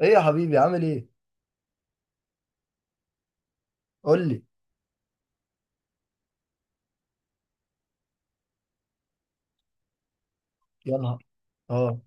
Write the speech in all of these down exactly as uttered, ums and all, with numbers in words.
ايه يا حبيبي، عامل ايه؟ قول لي. يا نهار اه.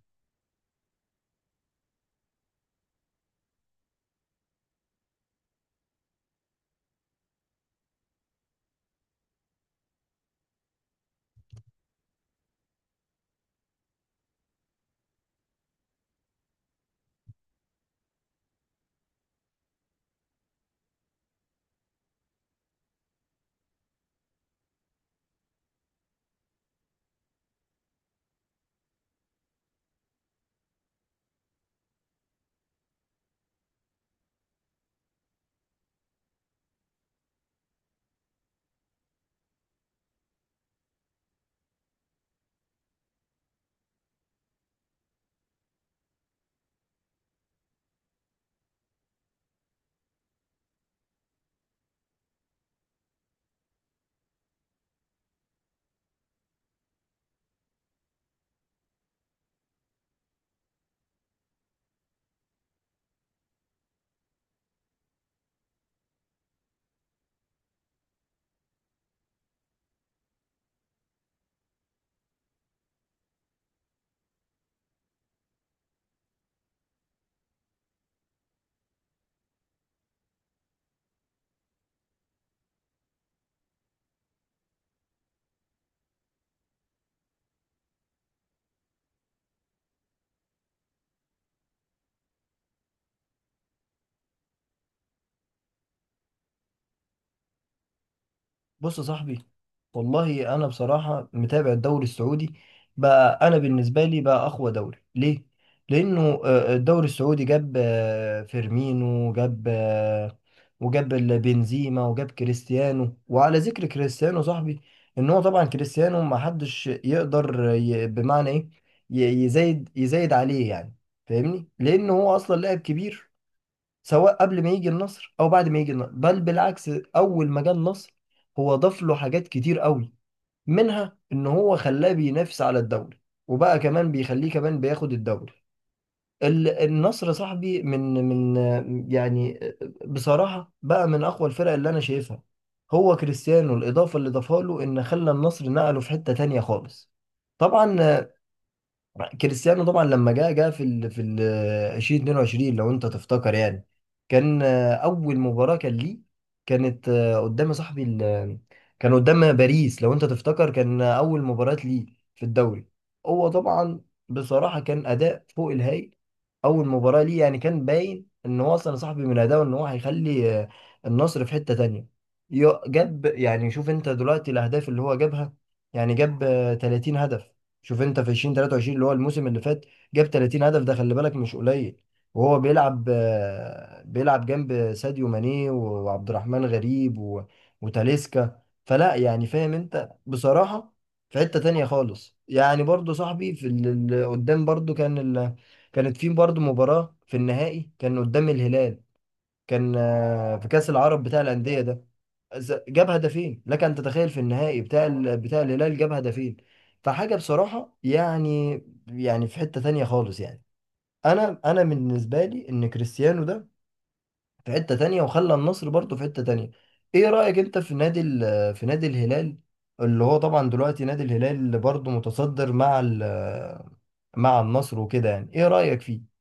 بص يا صاحبي، والله انا بصراحه متابع الدوري السعودي. بقى انا بالنسبه لي بقى اقوى دوري. ليه؟ لانه آه، الدوري السعودي جاب آه، فيرمينو، جاب آه، وجاب ال- بنزيما، وجاب كريستيانو. وعلى ذكر كريستيانو صاحبي، ان هو طبعا كريستيانو ما حدش يقدر ي- بمعنى ايه، ي- يزايد يزايد عليه يعني. فاهمني؟ لان هو اصلا لاعب كبير، سواء قبل ما يجي النصر او بعد ما يجي النصر. بل بالعكس، اول ما جه النصر هو ضاف له حاجات كتير قوي. منها ان هو خلاه بينافس على الدوري، وبقى كمان بيخليه كمان بياخد الدوري. ال- النصر صاحبي من من يعني بصراحة بقى من اقوى الفرق اللي انا شايفها. هو كريستيانو الاضافة اللي ضافها له ان خلى النصر نقله في حتة تانية خالص. طبعا كريستيانو طبعا لما جه جه في ال في ال ألفين واثنين وعشرين، لو انت تفتكر يعني، كان آه، اول مباراة كان ليه، كانت آه، قدام صاحبي ال- كان قدام باريس. لو انت تفتكر كان آه، اول مباراة ليه في الدوري. هو طبعا بصراحة كان اداء فوق الهايل. اول مباراة ليه يعني كان باين ان هو اصلا صاحبي من اداؤه ان هو هيخلي آه، النصر في حتة تانية. ي- جاب يعني، شوف انت دلوقتي الاهداف اللي هو جابها. يعني جاب آه، 30 هدف. شوف انت في ألفين وثلاثة وعشرين اللي هو الموسم اللي فات جاب 30 هدف، ده خلي بالك مش قليل. وهو بيلعب آه، بيلعب جنب ساديو ماني و- وعبد الرحمن غريب و- وتاليسكا. فلا يعني، فاهم انت؟ بصراحة في حتة تانية خالص يعني. برضو صاحبي في اللي قدام، برضو كان ال... كانت في برضو مباراة في النهائي كان قدام الهلال، كان آه، في كأس العرب بتاع الأندية ده. ز- جاب هدفين، لك أن تتخيل! في النهائي بتاع ال- بتاع الهلال جاب هدفين. فحاجة بصراحة يعني، يعني في حتة تانية خالص يعني. أنا أنا بالنسبة لي إن كريستيانو ده في حتة تانية، وخلى النصر برضه في حتة تانية. إيه رأيك أنت في نادي ال- في نادي الهلال؟ اللي هو طبعا دلوقتي نادي الهلال برضه متصدر مع ال- مع النصر وكده. يعني إيه رأيك فيه؟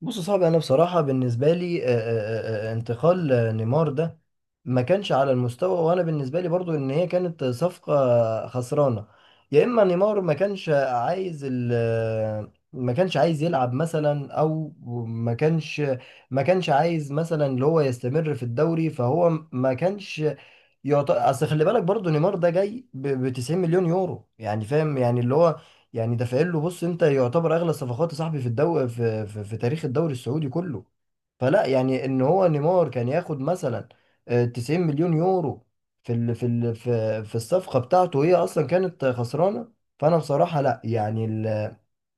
بص صعب. انا بصراحه بالنسبه لي آه، آه، آه، آه، انتقال آه، نيمار ده ما كانش على المستوى. وانا بالنسبه لي برضو ان هي كانت صفقه خسرانه. يا اما نيمار ما كانش عايز ال ما كانش عايز يلعب مثلا، او ما كانش ما كانش عايز مثلا اللي هو يستمر في الدوري. فهو ما كانش يعط- اصل خلي بالك برضو نيمار ده جاي ب 90 مليون يورو. يعني فاهم يعني اللي هو يعني دافعين له، بص انت، يعتبر اغلى صفقات يا صاحبي في الدو في, في, في تاريخ الدوري السعودي كله. فلا يعني ان هو نيمار كان ياخد مثلا آه، 90 مليون يورو في ال في ال في, في الصفقة بتاعته. هي اصلا كانت خسرانة. فانا بصراحة لا يعني،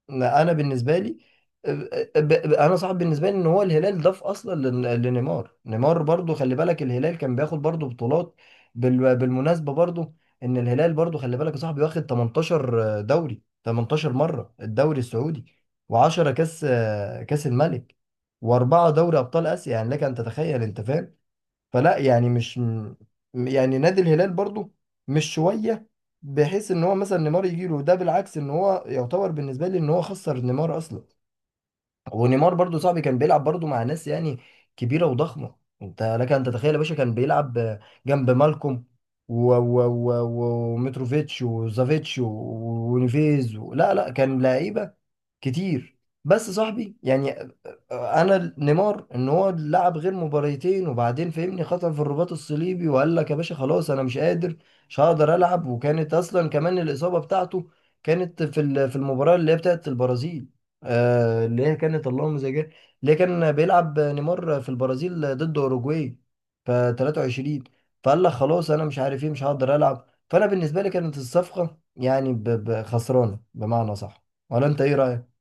ما انا بالنسبه لي ب- ب- انا صعب بالنسبه لي ان هو الهلال ضاف اصلا لن- لنيمار. نيمار برضو خلي بالك، الهلال كان بياخد برضو بطولات، بال- بالمناسبه برضو، ان الهلال برضو خلي بالك يا صاحبي واخد 18 دوري، 18 مره الدوري السعودي، وعشرة كاس، كاس الملك، واربعه دوري ابطال اسيا. يعني لك ان تتخيل انت، فاهم؟ فلا يعني مش م- يعني نادي الهلال برضو مش شوية، بحيث ان هو مثلا نيمار يجيله. ده بالعكس، ان هو يعتبر بالنسبة لي ان هو خسر نيمار اصلا. ونيمار برضو صاحبي كان بيلعب برضو مع ناس يعني كبيرة وضخمة. انت لك ان تتخيل يا باشا، كان بيلعب جنب مالكوم و- و- و- ومتروفيتش وزافيتش و- ونيفيز و... لا لا، كان لعيبة كتير. بس صاحبي يعني، انا نيمار ان هو لعب غير مباريتين وبعدين فهمني خطأ في الرباط الصليبي، وقال لك يا باشا خلاص انا مش قادر، مش هقدر العب. وكانت اصلا كمان الاصابة بتاعته كانت في ال- في المباراة اللي هي بتاعت البرازيل. آه اللي هي كانت اللهم زي جه- اللي هي كان بيلعب نيمار في البرازيل ضد اوروجواي في ثلاثة وعشرين. فقال لك خلاص انا مش عارف ايه، مش هقدر العب. فانا بالنسبة لي كانت الصفقة يعني ب- ب- خسرانة بمعنى صح. ولا انت ايه رأيك؟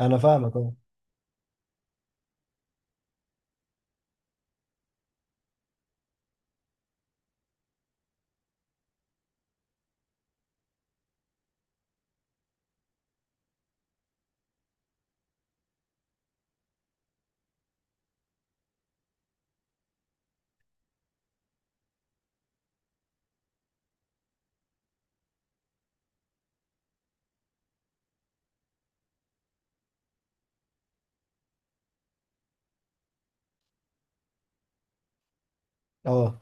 انا فاهمك اه. اه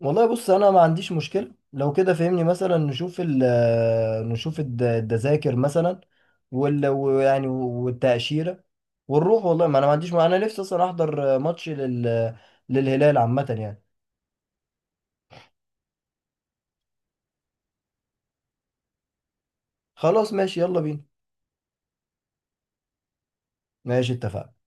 والله، بص انا ما عنديش مشكله. لو كده فهمني مثلا نشوف ال آه، نشوف الد- التذاكر مثلا، وال ويعني والتاشيره، ونروح. والله ما انا ما عنديش، ما انا نفسي اصلا احضر ماتش لل للهلال عامه يعني. خلاص ماشي، يلا بينا. ماشي اتفقنا.